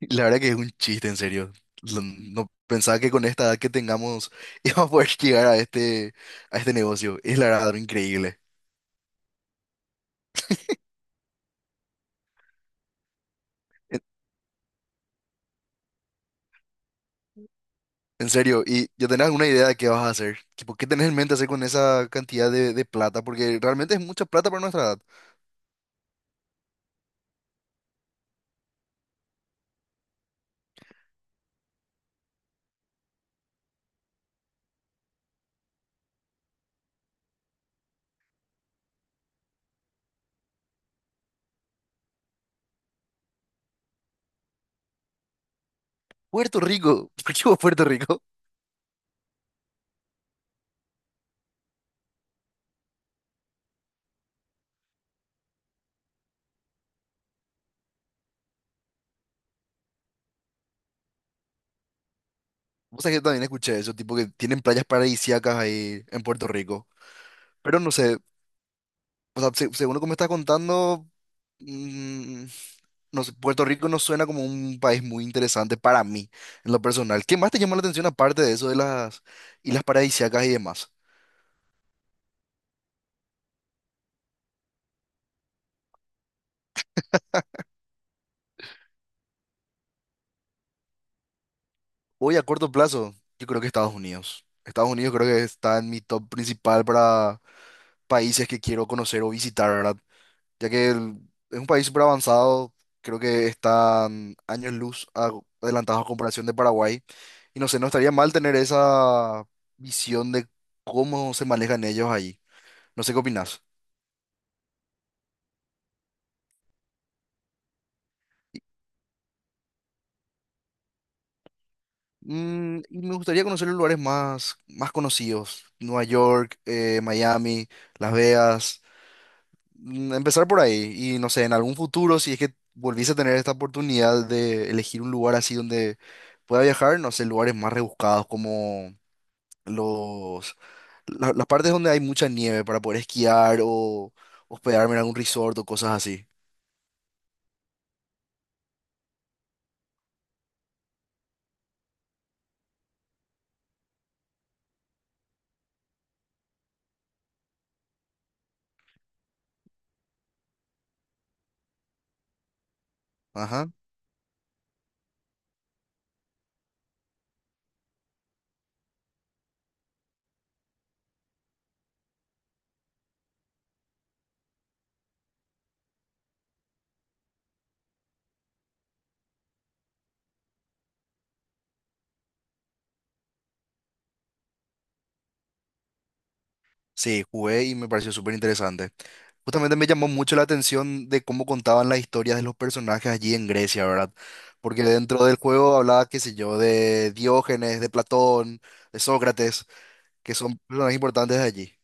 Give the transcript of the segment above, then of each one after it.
La verdad que es un chiste, en serio. No pensaba que con esta edad que tengamos íbamos a poder llegar a este negocio. Es la verdad, algo increíble. En, en serio, ¿y ya tenés alguna idea de qué vas a hacer? Tipo, ¿qué tenés en mente hacer con esa cantidad de plata? Porque realmente es mucha plata para nuestra edad. Puerto Rico, ¿por qué vos Puerto Rico? Vos sabés que también escuché eso, tipo que tienen playas paradisíacas ahí en Puerto Rico. Pero no sé, o sea, según lo que me estás contando, Mm, no sé, Puerto Rico no suena como un país muy interesante para mí, en lo personal. ¿Qué más te llama la atención aparte de eso de las islas paradisíacas y demás? Hoy a corto plazo, yo creo que Estados Unidos. Estados Unidos creo que está en mi top principal para países que quiero conocer o visitar, ¿verdad? Ya que es un país súper avanzado, creo que están años luz adelantados a comparación de Paraguay. Y no sé, no estaría mal tener esa visión de cómo se manejan ellos allí. No sé qué opinas. Y me gustaría conocer los lugares más conocidos, Nueva York, Miami, Las Vegas. Empezar por ahí y no sé, en algún futuro, si es que volviese a tener esta oportunidad de elegir un lugar así donde pueda viajar, no sé, lugares más rebuscados como los, las partes donde hay mucha nieve para poder esquiar o hospedarme en algún resort o cosas así. Ajá. Sí, jugué y me pareció súper interesante. Justamente me llamó mucho la atención de cómo contaban las historias de los personajes allí en Grecia, ¿verdad? Porque dentro del juego hablaba, qué sé yo, de Diógenes, de Platón, de Sócrates, que son personajes importantes de allí.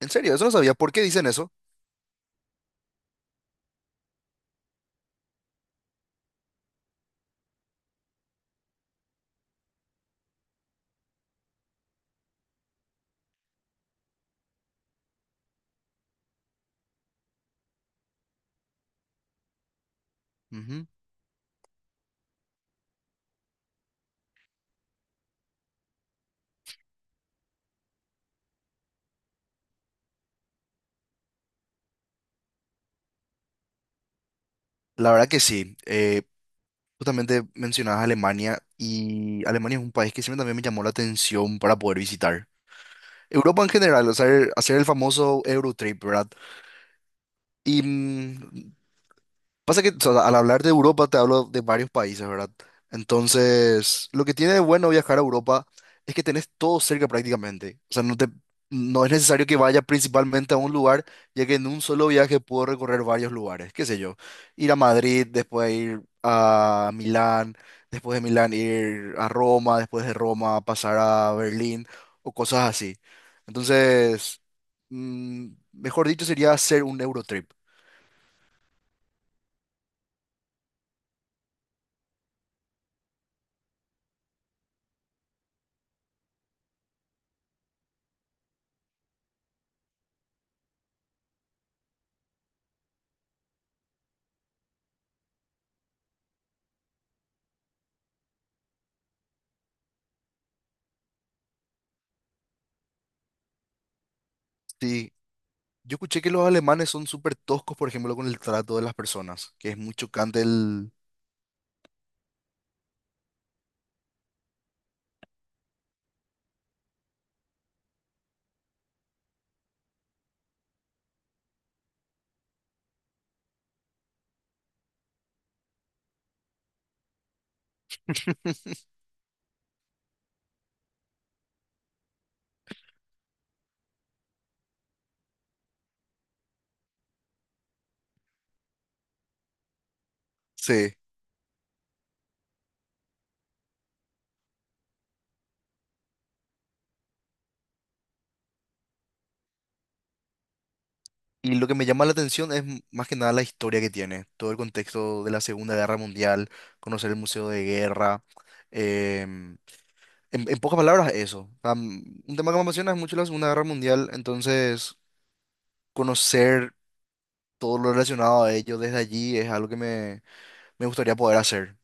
En serio, eso no sabía. ¿Por qué dicen eso? Ujú. La verdad que sí. Justamente mencionabas Alemania y Alemania es un país que siempre también me llamó la atención para poder visitar. Europa en general, hacer el famoso Eurotrip, ¿verdad? Y pasa que o sea, al hablar de Europa te hablo de varios países, ¿verdad? Entonces, lo que tiene de bueno viajar a Europa es que tenés todo cerca prácticamente. O sea, no es necesario que vaya principalmente a un lugar, ya que en un solo viaje puedo recorrer varios lugares. Qué sé yo, ir a Madrid, después ir a Milán, después de Milán ir a Roma, después de Roma pasar a Berlín o cosas así. Entonces, mm, mejor dicho, sería hacer un Eurotrip. Sí, yo escuché que los alemanes son súper toscos, por ejemplo, con el trato de las personas, que es muy chocante el... Sí. Y lo que me llama la atención es más que nada la historia que tiene, todo el contexto de la Segunda Guerra Mundial, conocer el Museo de Guerra. em, en pocas palabras, eso. Un tema que me apasiona es mucho la Segunda Guerra Mundial, entonces conocer todo lo relacionado a ello desde allí es algo que me gustaría poder hacer.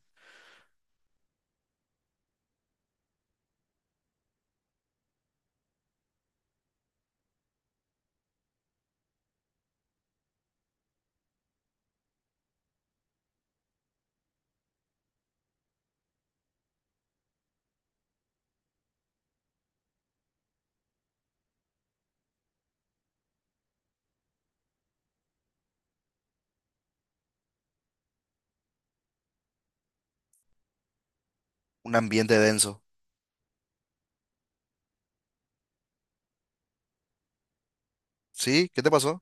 Un ambiente denso. ¿Sí? ¿Qué te pasó?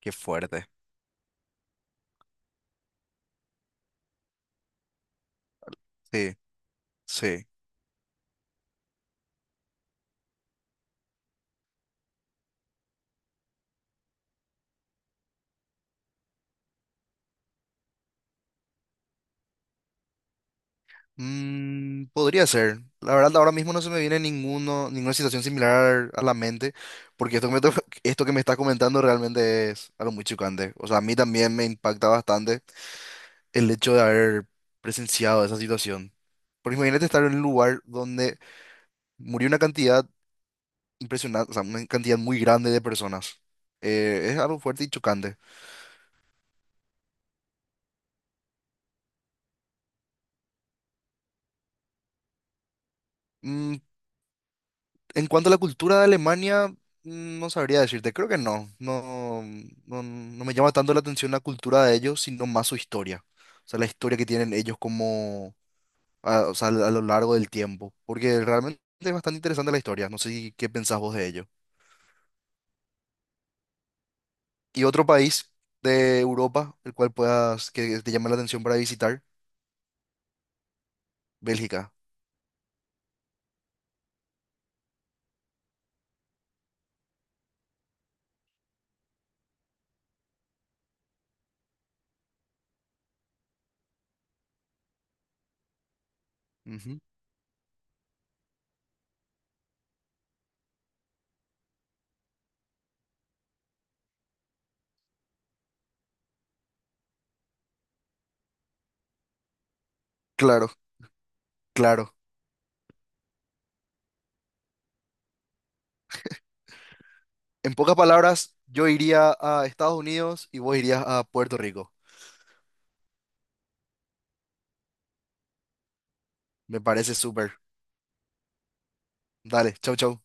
Qué fuerte. Sí, sí. Podría ser. La verdad, ahora mismo no se me viene ninguna situación similar a la mente, porque esto esto que me estás comentando realmente es algo muy chocante. O sea, a mí también me impacta bastante el hecho de haber presenciado esa situación. Porque imagínate estar en un lugar donde murió una cantidad impresionante, o sea, una cantidad muy grande de personas. Es algo fuerte y chocante. Mm. En cuanto a la cultura de Alemania, no sabría decirte, creo que no. No, no, no me llama tanto la atención la cultura de ellos, sino más su historia. O sea, la historia que tienen ellos como, o sea, a lo largo del tiempo. Porque realmente es bastante interesante la historia. No sé si- ¿Qué pensás vos de ello? ¿Y otro país de Europa, el cual puedas, que te llame la atención para visitar? Bélgica. Ujú. Claro, claro. En pocas palabras, yo iría a Estados Unidos y vos irías a Puerto Rico. Me parece súper. Dale, chau, chau.